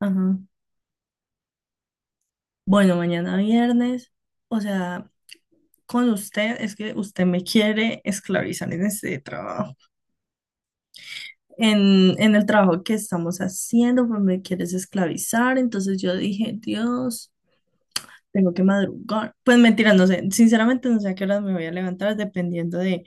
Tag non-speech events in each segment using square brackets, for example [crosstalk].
Ajá. Bueno, mañana viernes, o sea, con usted es que usted me quiere esclavizar en este trabajo, en el trabajo que estamos haciendo, pues me quieres esclavizar, entonces yo dije, Dios, tengo que madrugar. Pues mentira, no sé, sinceramente no sé a qué horas me voy a levantar, dependiendo de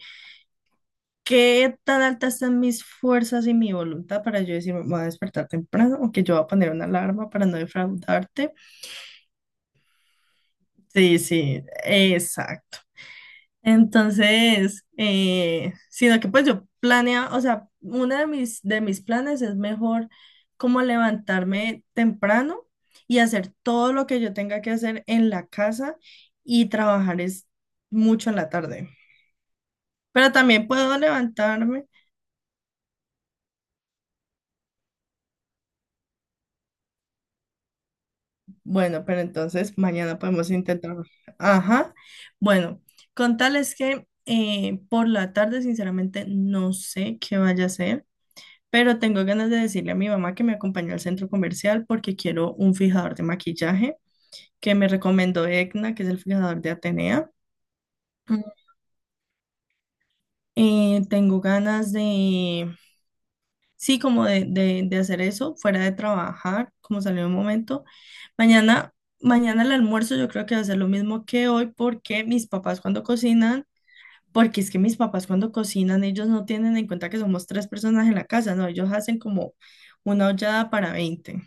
qué tan altas están mis fuerzas y mi voluntad para yo decir, me voy a despertar temprano o que yo voy a poner una alarma para no defraudarte. Sí, sí, exacto. Entonces, sino que pues yo planeaba, o sea, uno de mis planes es mejor como levantarme temprano y hacer todo lo que yo tenga que hacer en la casa y trabajar es mucho en la tarde. Pero también puedo levantarme. Bueno, pero entonces mañana podemos intentar. Ajá. Bueno, con tal es que por la tarde, sinceramente, no sé qué vaya a hacer. Pero tengo ganas de decirle a mi mamá que me acompañe al centro comercial porque quiero un fijador de maquillaje que me recomendó Egna, que es el fijador de Atenea. Mm. Tengo ganas de, sí, como de hacer eso fuera de trabajar, como salió un momento. Mañana, mañana el almuerzo yo creo que va a ser lo mismo que hoy porque mis papás cuando cocinan, porque es que mis papás cuando cocinan ellos no tienen en cuenta que somos tres personas en la casa, no, ellos hacen como una ollada para 20.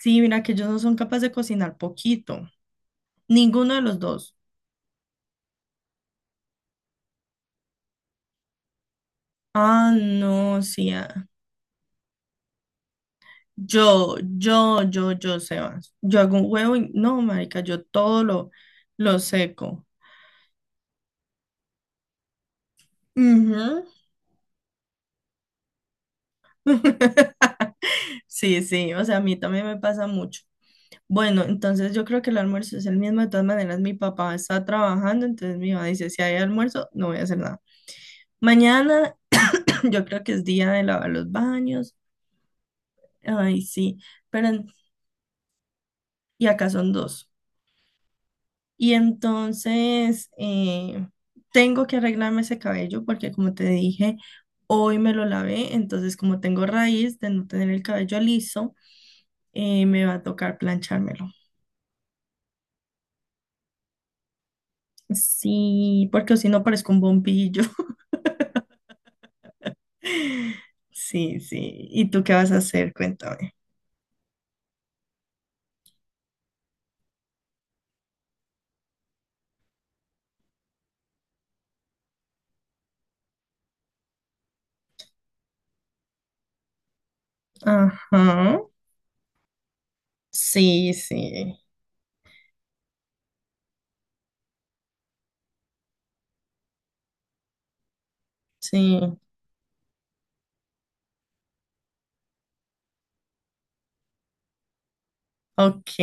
Sí, mira que ellos no son capaces de cocinar poquito. Ninguno de los dos. Ah, no, sí. Ah. Yo, Sebas. Yo hago un huevo y no, marica, yo todo lo seco. Ujú. [laughs] Sí, sí, o sea, a mí también me pasa mucho. Bueno, entonces yo creo que el almuerzo es el mismo. De todas maneras, mi papá está trabajando, entonces mi mamá dice, si hay almuerzo, no voy a hacer nada. Mañana [clears throat] yo creo que es día de lavar los baños. Ay, sí, pero y acá son dos. Y entonces tengo que arreglarme ese cabello porque como te dije, hoy me lo lavé, entonces como tengo raíz de no tener el cabello liso, me va a tocar planchármelo. Sí, porque si no parezco un bombillo. [laughs] Sí, sí. ¿Y tú qué vas a hacer? Cuéntame. Ajá. Sí, sí, sí. Ok,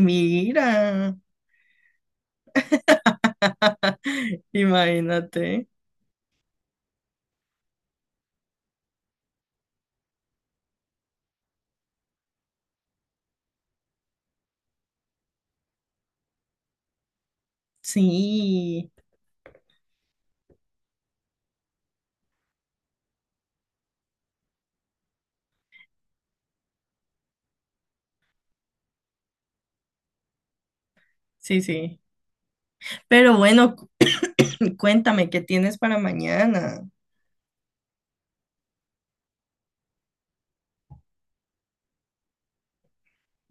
mira. [laughs] Imagínate. Sí, sí, sí. Pero bueno, [laughs] cu- [clears throat] cuéntame, ¿qué tienes para mañana?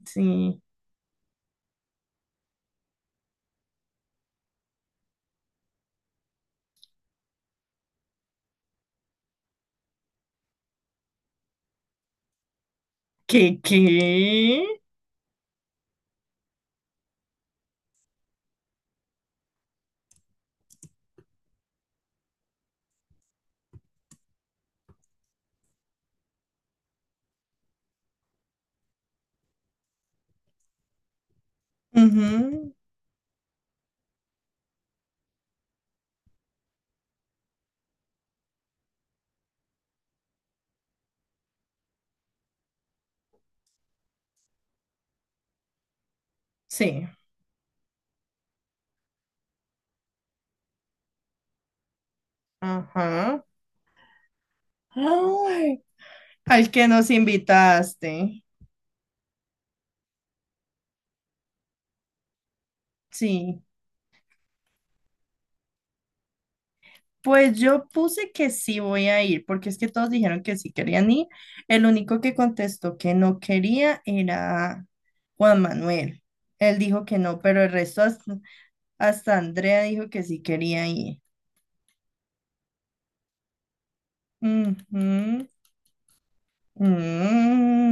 Sí. ¿Qué, qué? Ujú. Sí. Ajá. Ay, al que nos invitaste. Sí. Pues yo puse que sí voy a ir, porque es que todos dijeron que sí querían ir. El único que contestó que no quería era Juan Manuel. Él dijo que no, pero el resto hasta, hasta Andrea dijo que sí quería ir. Ujú. Mm.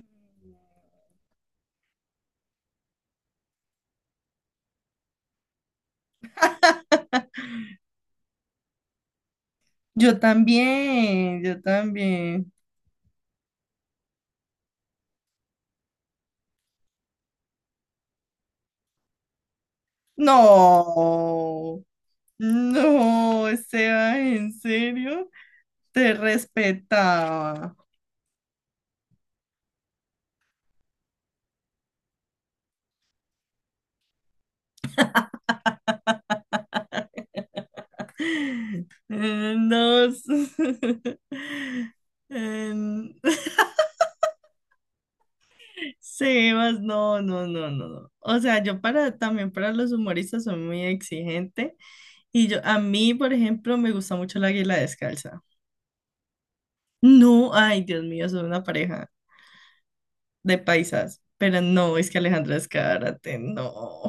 Yo también, yo también. No, no, Esteban, ¿en serio? Te respetaba. No, s- [laughs] em, [laughs] Sebas, no, no, no, no, no. O sea, yo para también para los humoristas soy muy exigente y yo a mí, por ejemplo, me gusta mucho la Águila Descalza. No, ay, Dios mío, son una pareja de paisas, pero no, es que Alejandra Escárate, no.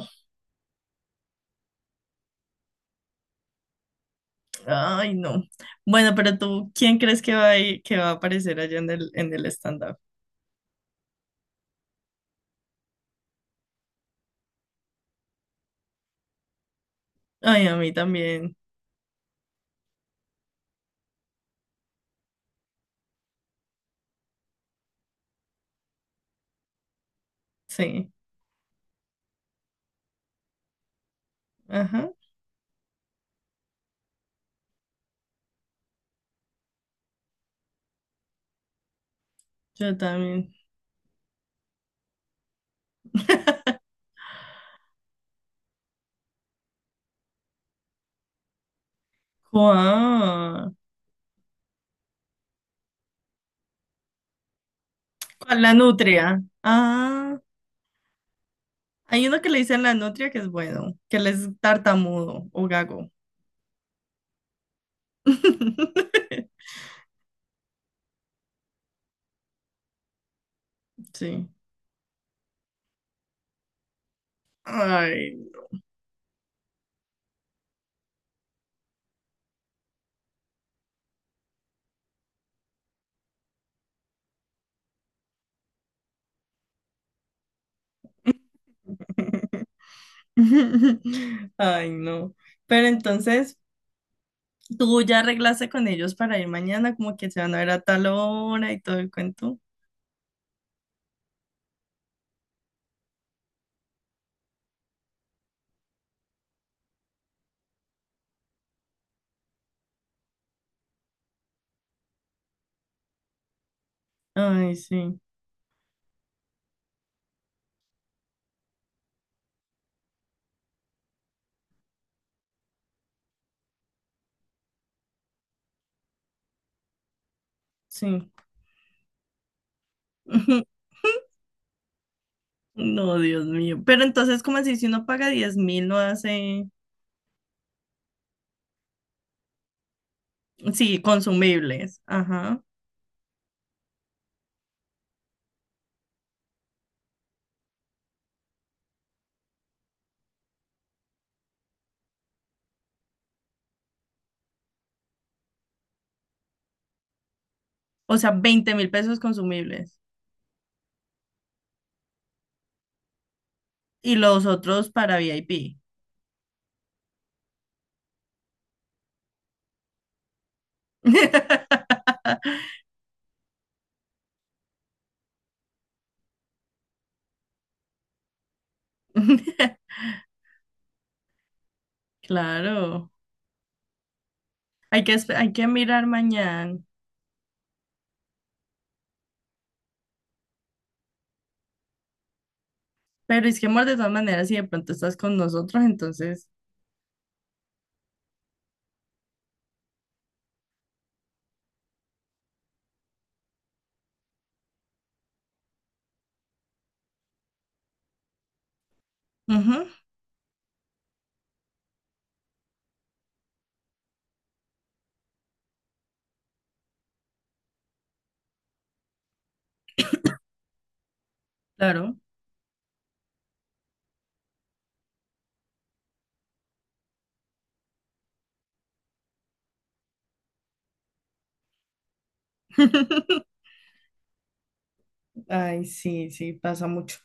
Ay, no. Bueno, pero tú, ¿quién crees que va a aparecer allá en el stand-up? Ay, a mí también. Sí. Ajá. Yo también. ¿Cuál? ¿Cuál? La nutria. Ah, hay uno que le dicen la nutria que es bueno, que él es tartamudo o gago. [laughs] Sí. Ay. [laughs] Ay, no. Pero entonces, ¿tú ya arreglaste con ellos para ir mañana? Como que se van a ver a tal hora y todo el cuento. Ay, sí, sí. [laughs] No, Dios mío. Pero entonces, ¿cómo así? Si uno paga 10.000, no hace, sí, consumibles. Ajá. O sea, 20.000 pesos consumibles. Y los otros para VIP. [laughs] Claro. Hay que, hay que mirar mañana. Pero es que, amor, de todas maneras, si de pronto estás con nosotros, entonces, ujú, claro. [laughs] Ay, sí, sí, pasa mucho.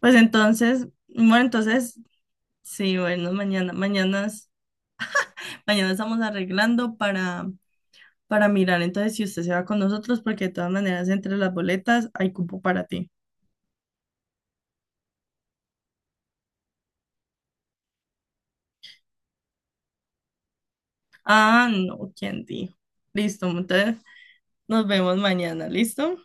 Pues entonces, bueno, entonces sí, bueno, mañana estamos arreglando para mirar entonces si usted se va con nosotros, porque de todas maneras entre las boletas hay cupo para ti. Ah, no, ¿quién dijo? Listo, entonces nos vemos mañana, ¿listo?